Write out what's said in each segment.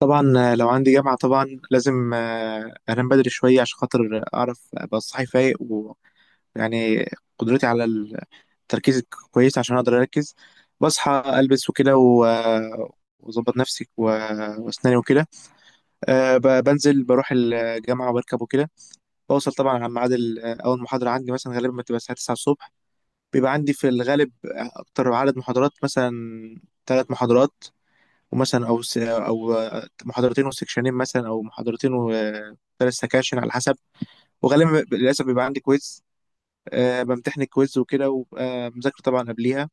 طبعا، لو عندي جامعة طبعا لازم أنام بدري شوية عشان خاطر أعرف أبقى صاحي فايق. ويعني قدرتي على التركيز كويس عشان أقدر أركز. بصحى، ألبس وكده وأظبط نفسي وأسناني وكده. بنزل، بروح الجامعة وبركب وكده. بوصل طبعا على ميعاد أول محاضرة عندي مثلا غالبا بتبقى الساعة 9 الصبح. بيبقى عندي في الغالب أكتر عدد محاضرات مثلا ثلاث محاضرات، ومثلا او او محاضرتين وسكشنين، مثلا او محاضرتين وثلاث سكاشن على حسب. وغالبا للاسف بيبقى عندي كويز. أه، بمتحن الكويز وكده، وببقى مذاكر طبعا قبليها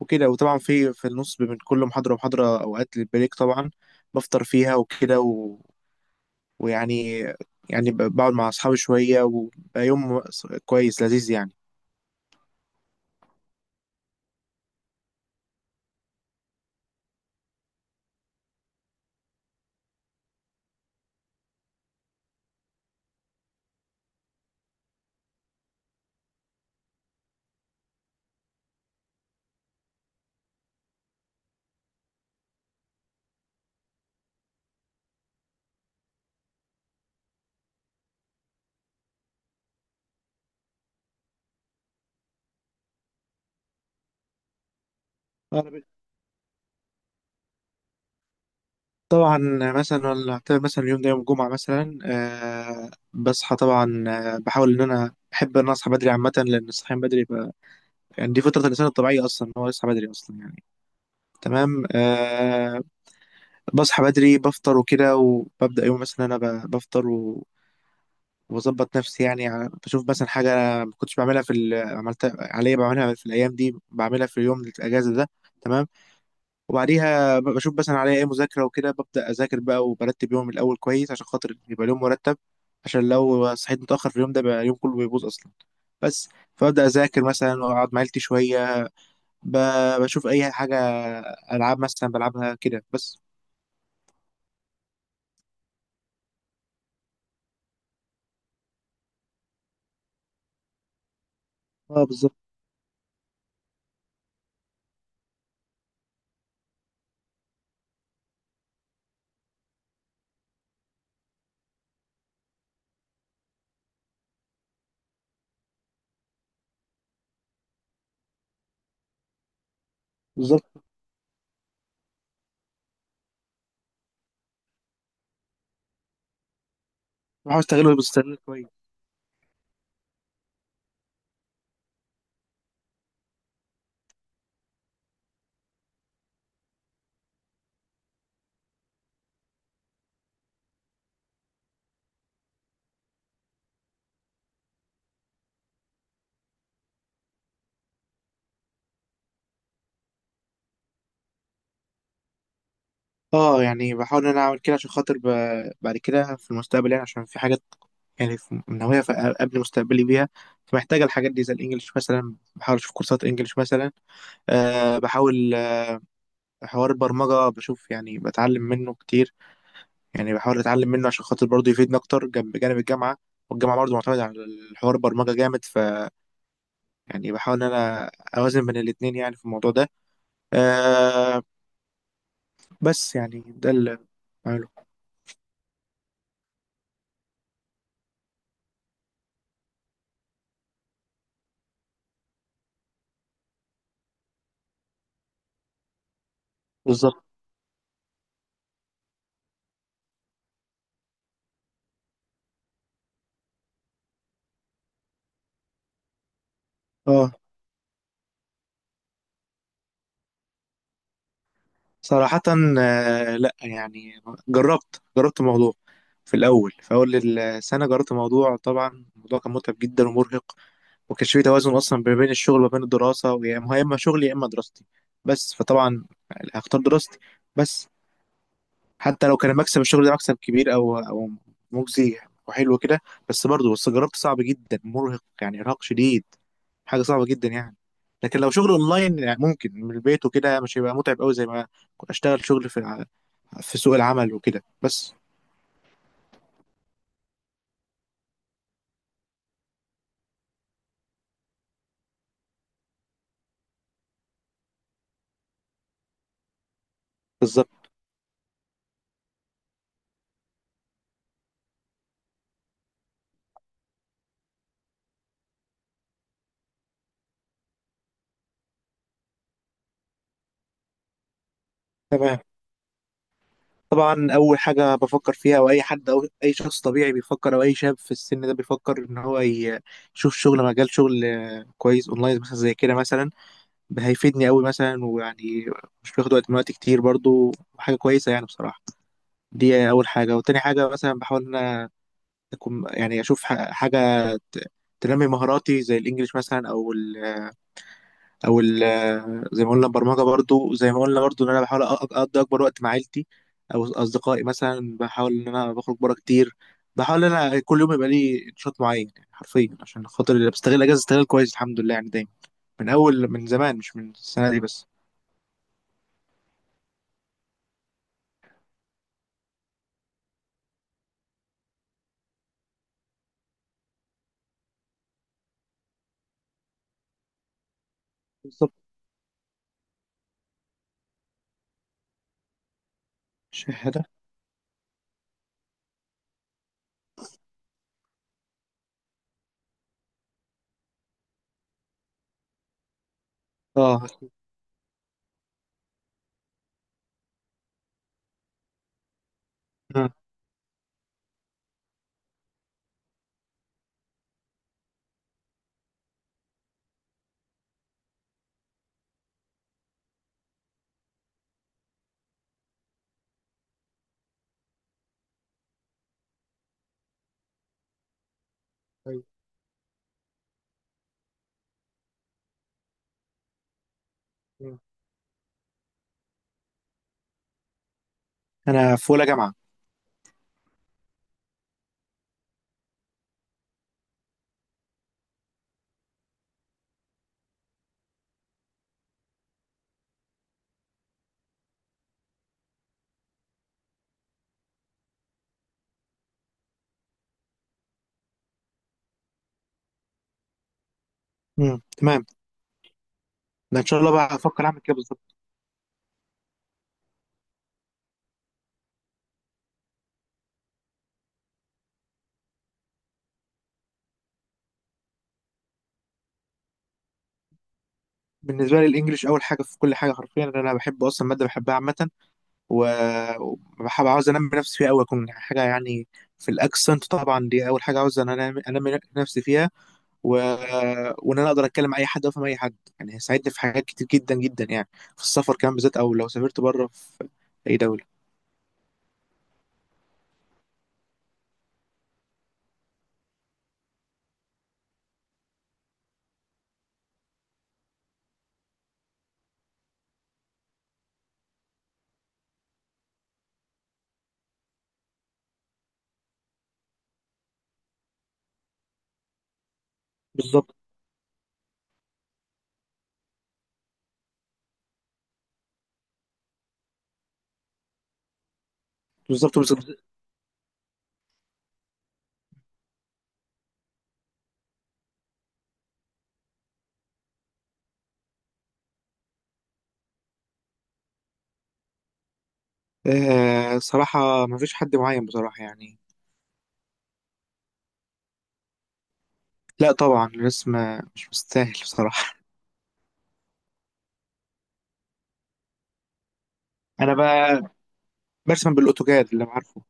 وكده. وطبعا في النص بين كل محاضره ومحاضره اوقات للبريك طبعا، بفطر فيها وكده ويعني، يعني بقعد مع اصحابي شويه، وبقى يوم كويس لذيذ. يعني طبعا مثلا، ولا أعتبر مثلا اليوم ده يوم جمعة مثلا. بصحى طبعا، بحاول إن أنا أحب إن أنا أصحى بدري عامة، لأن الصحيان بدري بقى يعني دي فطرة الإنسان الطبيعية أصلا إن هو يصحى بدري أصلا يعني. تمام. بصحى بدري، بفطر وكده، وببدأ يوم. مثلا أنا بفطر وبظبط نفسي يعني، بشوف مثلا حاجة أنا ما كنتش بعملها في عملتها عليا، بعملها في الأيام دي، بعملها في اليوم الأجازة ده. تمام. وبعديها بشوف مثلا عليا ايه مذاكرة وكده، ببدأ أذاكر بقى وبرتب يومي الأول كويس عشان خاطر يبقى اليوم مرتب، عشان لو صحيت متأخر في اليوم ده بقى اليوم كله بيبوظ أصلا. بس، فببدأ أذاكر مثلا، وأقعد مع عيلتي شوية، بشوف أي حاجة، ألعاب مثلا بلعبها كده بس. اه، بالظبط، بالظبط. بحاول أستغله باستغلال كويس. اه، يعني بحاول إن أنا أعمل كده عشان خاطر بعد كده في المستقبل. يعني عشان في حاجات يعني ناويها قبل مستقبلي بيها، فمحتاجة الحاجات دي، زي الإنجليش مثلا، بحاول أشوف كورسات إنجليش مثلا. أه، بحاول حوار البرمجة، بشوف يعني بتعلم منه كتير، يعني بحاول أتعلم منه عشان خاطر برضه يفيدني أكتر جنب بجانب الجامعة. والجامعة برضه معتمدة على الحوار البرمجة جامد، ف يعني بحاول إن أنا أوازن بين الاتنين يعني في الموضوع ده. أه، بس يعني ده اللي بعمله. بالظبط. اه، صراحة لأ يعني، جربت الموضوع في الأول، في أول السنة جربت الموضوع. طبعا الموضوع كان متعب جدا ومرهق، وكانش في توازن اصلا ما بين الشغل وما بين الدراسه. ويا ما هو يا اما شغلي يا اما دراستي. بس فطبعا هختار دراستي، بس حتى لو كان مكسب الشغل ده مكسب كبير او او مجزي وحلو كده. بس برضه، بس جربت، صعب جدا، مرهق يعني ارهاق شديد، حاجه صعبه جدا يعني. لكن لو شغل اونلاين يعني، ممكن من البيت وكده، مش هيبقى متعب قوي زي ما اشتغل شغل في في سوق العمل وكده بس. بالظبط. تمام. طبعا اول حاجه بفكر فيها، او اي حد او اي شخص طبيعي بيفكر، او اي شاب في السن ده بيفكر، ان هو يشوف شغل، مجال شغل كويس اونلاين مثلا زي كده، مثلا هيفيدني قوي مثلا. ويعني مش بياخد وقت من وقت كتير برضو، حاجه كويسه يعني بصراحه. دي اول حاجه. وتاني حاجه مثلا بحاول ان انا اكون يعني اشوف حاجه ت- تنمي مهاراتي، زي الانجليش مثلا، او او زي ما قلنا البرمجه برضو. زي ما قلنا برضو، ان انا بحاول اقضي اكبر وقت مع عيلتي او اصدقائي مثلا، بحاول ان انا بخرج بره كتير. بحاول ان انا كل يوم يبقى لي نشاط معين يعني حرفيا عشان خاطر اللي بستغل اجازه استغل كويس، الحمد لله يعني دايما. من اول، من زمان، مش من السنه دي بس. بالظبط. شهاده. اه. آه. أيوة. آه. انا في اولى جامعه. تمام. ده ان شاء الله بقى افكر اعمل كده بالظبط. بالنسبه لي الانجليش اول حاجه في كل حاجه حرفيا، لأن انا بحب اصلا، ماده بحبها عامه، وبحب، عاوز انمي نفسي فيها قوي، اكون يعني حاجه يعني في الاكسنت. طبعا دي اول حاجه عاوز ان انا أنمي نفسي فيها. و... وان انا اقدر اتكلم مع اي حد وافهم اي حد، يعني هيساعدني في حاجات كتير جدا جدا يعني، في السفر كمان بالذات، او لو سافرت بره في اي دوله. بالظبط، بالظبط، بالظبط. آه صراحه ما فيش حد معين بصراحه يعني. لا طبعا الرسم مش مستاهل بصراحه. انا بقى برسم بالاوتوكاد اللي أنا عارفه.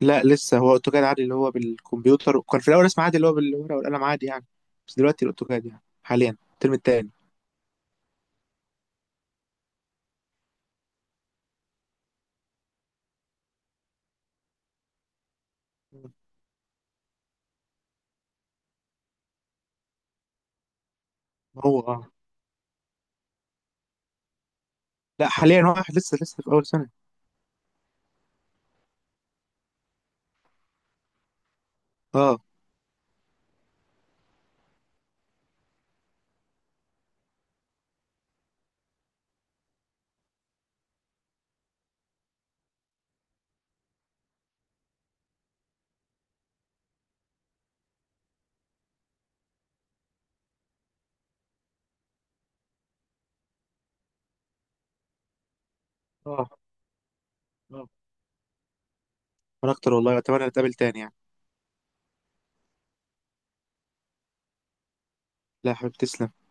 لا لسه، هو اوتوكاد عادي اللي هو بالكمبيوتر، وكان في الاول اسمه عادي اللي هو بالورقه والقلم عادي يعني. بس دلوقتي الاوتوكاد يعني حاليا الترم التاني. هو اه. لا، حاليا واحد، لسه في اول سنه. اه. اه. اه. وانا اكتر والله، اتمنى نتقابل تاني يعني. لا يا حبيبي، تسلم.